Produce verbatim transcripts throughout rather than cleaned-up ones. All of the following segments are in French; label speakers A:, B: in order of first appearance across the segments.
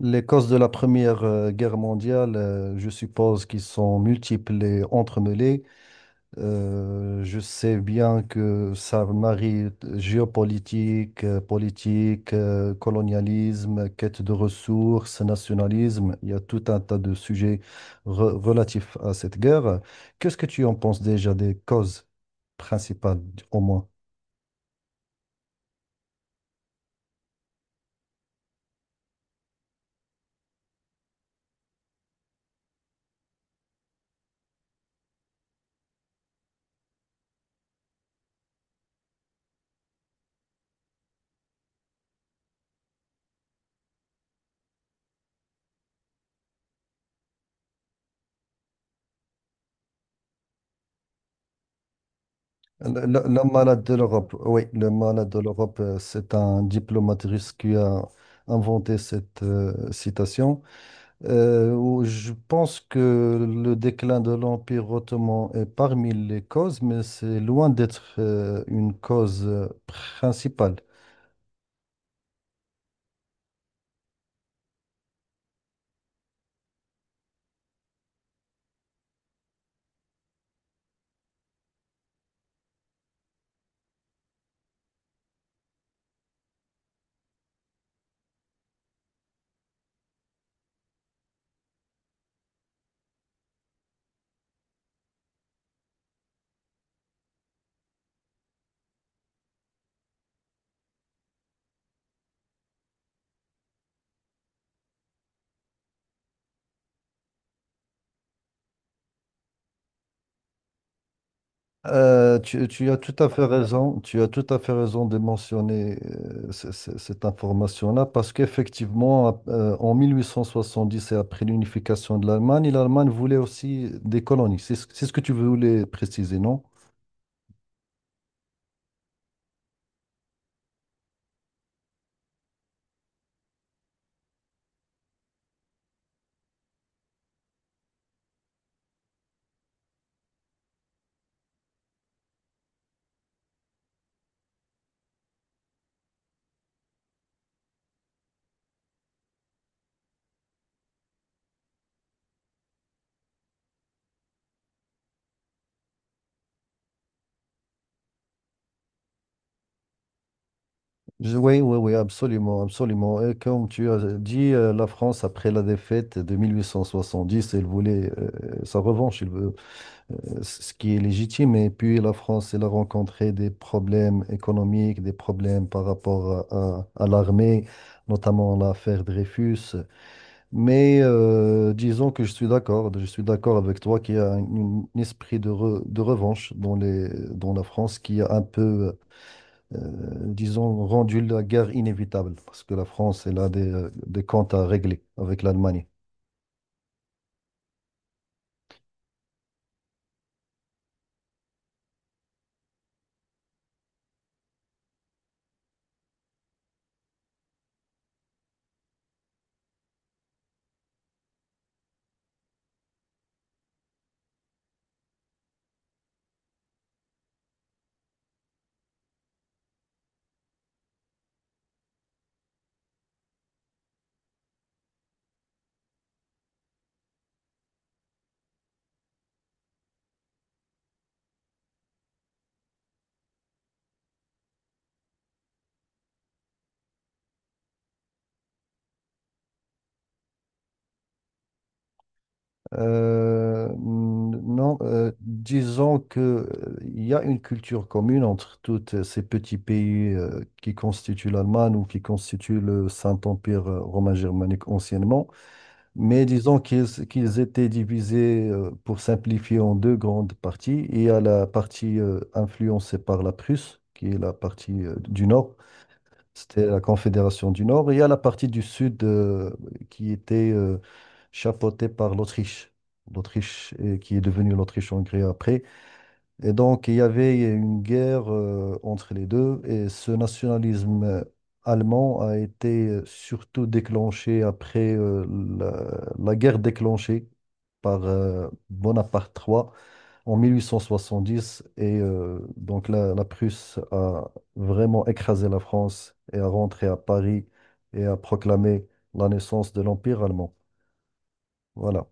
A: Les causes de la Première euh, Guerre mondiale, euh, je suppose qu'ils sont multiples et entremêlées. Euh, je sais bien que ça marie euh, géopolitique, euh, politique, euh, colonialisme, quête de ressources, nationalisme. Il y a tout un tas de sujets re- relatifs à cette guerre. Qu'est-ce que tu en penses déjà des causes principales, au moins? Le, le- le malade de l'Europe, oui, le malade de l'Europe, euh, c'est un diplomate russe qui a inventé cette euh, citation. Euh, où je pense que le déclin de l'Empire ottoman est parmi les causes, mais c'est loin d'être euh, une cause euh, principale. Euh, tu, tu as tout à fait raison, tu as tout à fait raison de mentionner euh, ce- ce- cette information-là parce qu'effectivement, ap- euh, en mille huit cent soixante-dix et après l'unification de l'Allemagne, l'Allemagne voulait aussi des colonies. C'est ce, c'est ce que tu voulais préciser, non? Je- oui, oui, oui, absolument, absolument. Et comme tu as dit, euh, la France, après la défaite de mille huit cent soixante-dix, elle voulait euh, sa revanche. Elle veut- euh, ce qui est légitime. Et puis la France, elle a rencontré des problèmes économiques, des problèmes par rapport à, à- à l'armée, notamment l'affaire Dreyfus. Mais euh, disons que je suis d'accord, je suis d'accord avec toi qu'il y a un, un esprit de, re- de revanche dans les, dans la France qui a un peu, euh, disons, rendu la guerre inévitable, parce que la France, elle a des, des comptes à régler avec l'Allemagne. Euh, non, euh, Disons que euh, il y a une culture commune entre tous ces petits pays euh, qui constituent l'Allemagne ou qui constituent le Saint-Empire euh, romain germanique anciennement, mais disons qu'ils qu'ils étaient divisés, euh, pour simplifier, en deux grandes parties. Il y a la partie euh, influencée par la Prusse, qui est la partie euh, du nord, c'était la Confédération du Nord. Et il y a la partie du Sud euh, qui était euh, chapeautée par l'Autriche. L'Autriche euh, qui est devenue l'Autriche-Hongrie après. Et donc, il y avait une guerre euh, entre les deux. Et ce nationalisme euh, allemand a été euh, surtout déclenché après euh, la, la guerre déclenchée par euh, Bonaparte trois en mille huit cent soixante-dix. Et euh, donc la, la Prusse a vraiment écrasé la France et a rentré à Paris et a proclamé la naissance de l'Empire allemand. Voilà.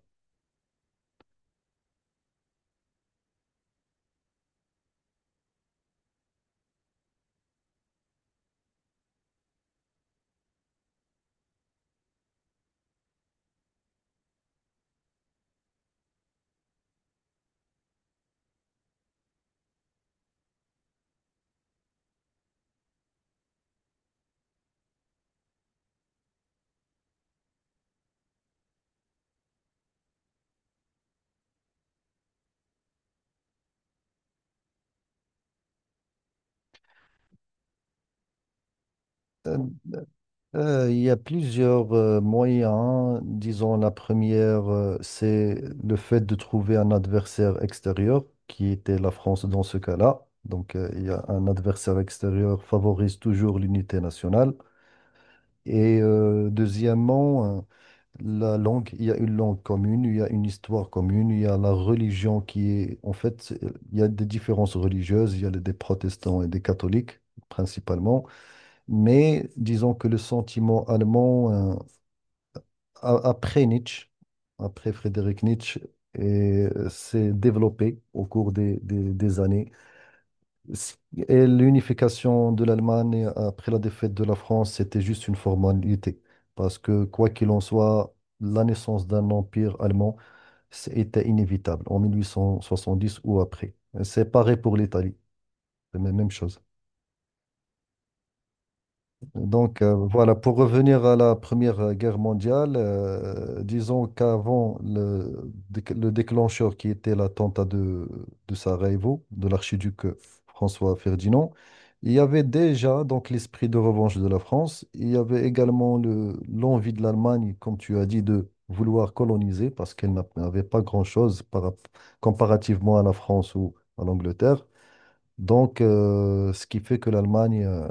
A: Euh, euh, il y a plusieurs euh, moyens, hein. Disons, la première, euh, c'est le fait de trouver un adversaire extérieur, qui était la France dans ce cas-là. Donc, euh, il y a un adversaire extérieur favorise toujours l'unité nationale. Et euh, deuxièmement, la langue, il y a une langue commune, il y a une histoire commune, il y a la religion qui est, en fait, c'est- il y a des différences religieuses, il y a des protestants et des catholiques principalement, mais disons que le sentiment allemand, euh, a- après Nietzsche, après Frédéric Nietzsche, et, euh, s'est développé au cours des, des des années. c- Et l'unification de l'Allemagne après la défaite de la France, c'était juste une formalité. Parce que, quoi qu'il en soit, la naissance d'un empire allemand, c'était inévitable en mille huit cent soixante-dix ou après. C'est pareil pour l'Italie, c'est la même chose. Donc euh, voilà, pour revenir à la Première Guerre mondiale, euh, disons qu'avant le, déc- le déclencheur qui était l'attentat de, de Sarajevo, de l'archiduc François Ferdinand, il y avait déjà donc l'esprit de revanche de la France, il y avait également le, l'envie de l'Allemagne, comme tu as dit, de vouloir coloniser parce qu'elle n'a- n'avait pas grand-chose par, rapp- comparativement à la France ou à l'Angleterre. Donc, euh, ce qui fait que l'Allemagne euh,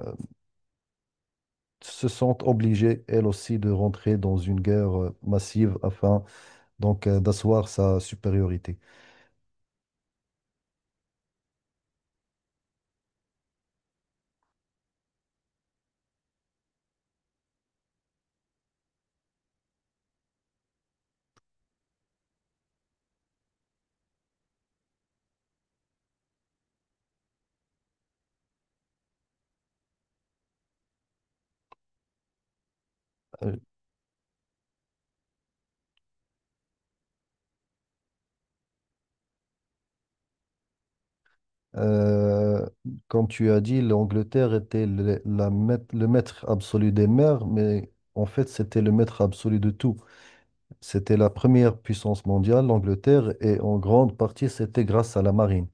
A: se sentent obligées, elles aussi, de rentrer dans une guerre euh, massive afin donc euh, d'asseoir sa supériorité. Euh, euh, Comme tu as dit, l'Angleterre était le, la maît- le maître absolu des mers, mais en fait, c'était le maître absolu de tout. C'était la première puissance mondiale, l'Angleterre, et en grande partie, c'était grâce à la marine.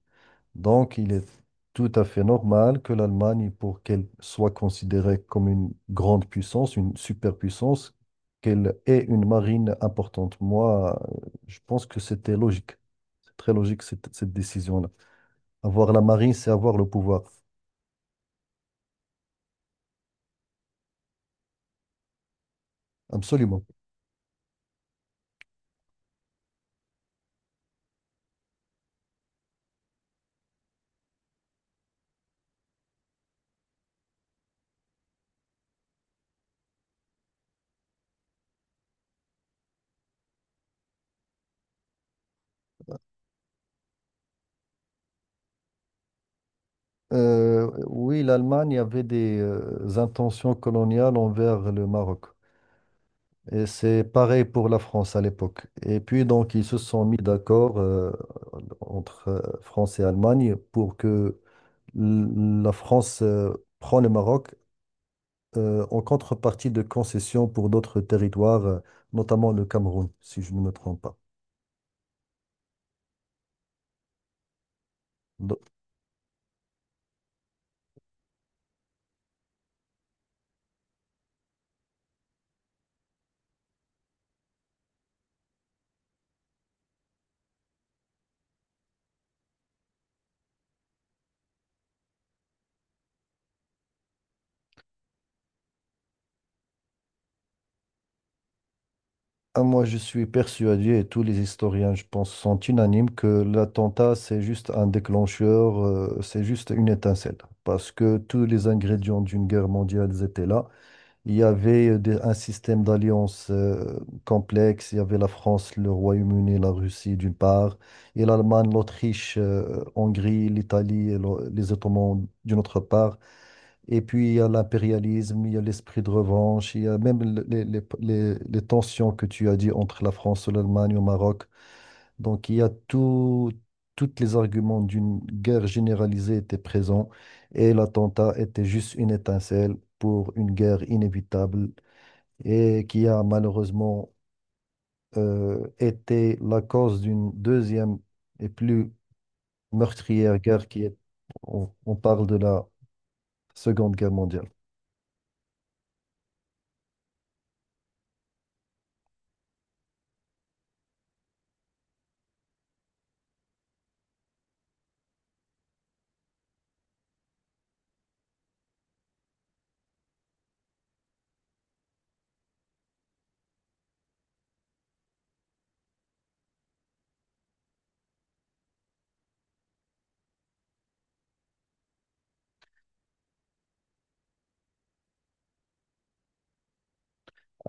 A: Donc, il est tout à fait normal que l'Allemagne, pour qu'elle soit considérée comme une grande puissance, une superpuissance, qu'elle ait une marine importante. Moi, euh, je pense que c'était logique. C'est très logique, cette, cette décision-là. Avoir la marine, c'est avoir le pouvoir. Absolument. Euh, oui, l'Allemagne avait des euh, intentions coloniales envers le Maroc. Et c'est pareil pour la France à l'époque. Et puis, donc, ils se sont mis d'accord, euh, entre euh, France et Allemagne pour que la France euh, prend le Maroc euh, en contrepartie de concessions pour d'autres territoires, euh, notamment le Cameroun, si je ne me trompe pas. Donc, ah, moi, je suis persuadé, et tous les historiens, je pense, sont unanimes, que l'attentat, c'est juste un déclencheur, euh, c'est juste une étincelle, parce que tous les ingrédients d'une guerre mondiale étaient là. Il y avait euh, des- un système d'alliance euh, complexe. Il y avait la France, le Royaume-Uni, la Russie d'une part, et l'Allemagne, l'Autriche, euh, Hongrie, l'Italie et le- les Ottomans d'une autre part. Et puis il y a l'impérialisme, il y a l'esprit de revanche, il y a même le- les, les- les- les tensions que tu as dit entre la France, l'Allemagne, le Maroc. Donc il y a tout, tous les arguments d'une guerre généralisée étaient présents et l'attentat était juste une étincelle pour une guerre inévitable et qui a malheureusement euh, été la cause d'une deuxième et plus meurtrière guerre qui est, on, on parle de la Seconde Guerre mondiale.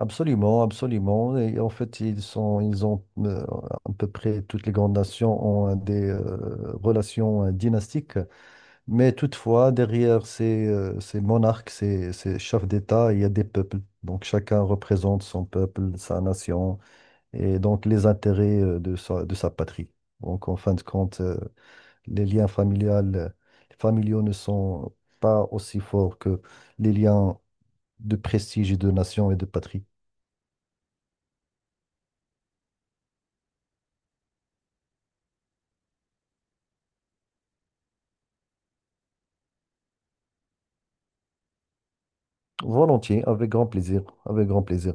A: Absolument, absolument. Et en fait, ils sont, ils ont euh, à peu près toutes les grandes nations ont euh, des euh, relations euh, dynastiques. Mais toutefois, derrière ces, euh, ces monarques, ces, ces chefs d'État, il y a des peuples. Donc chacun représente son peuple, sa nation, et donc les intérêts euh, de sa, de sa patrie. Donc en fin de compte, euh, les liens familiales, familiaux ne sont pas aussi forts que les liens de prestige et de nation et de patrie. Volontiers, avec grand plaisir, avec grand plaisir.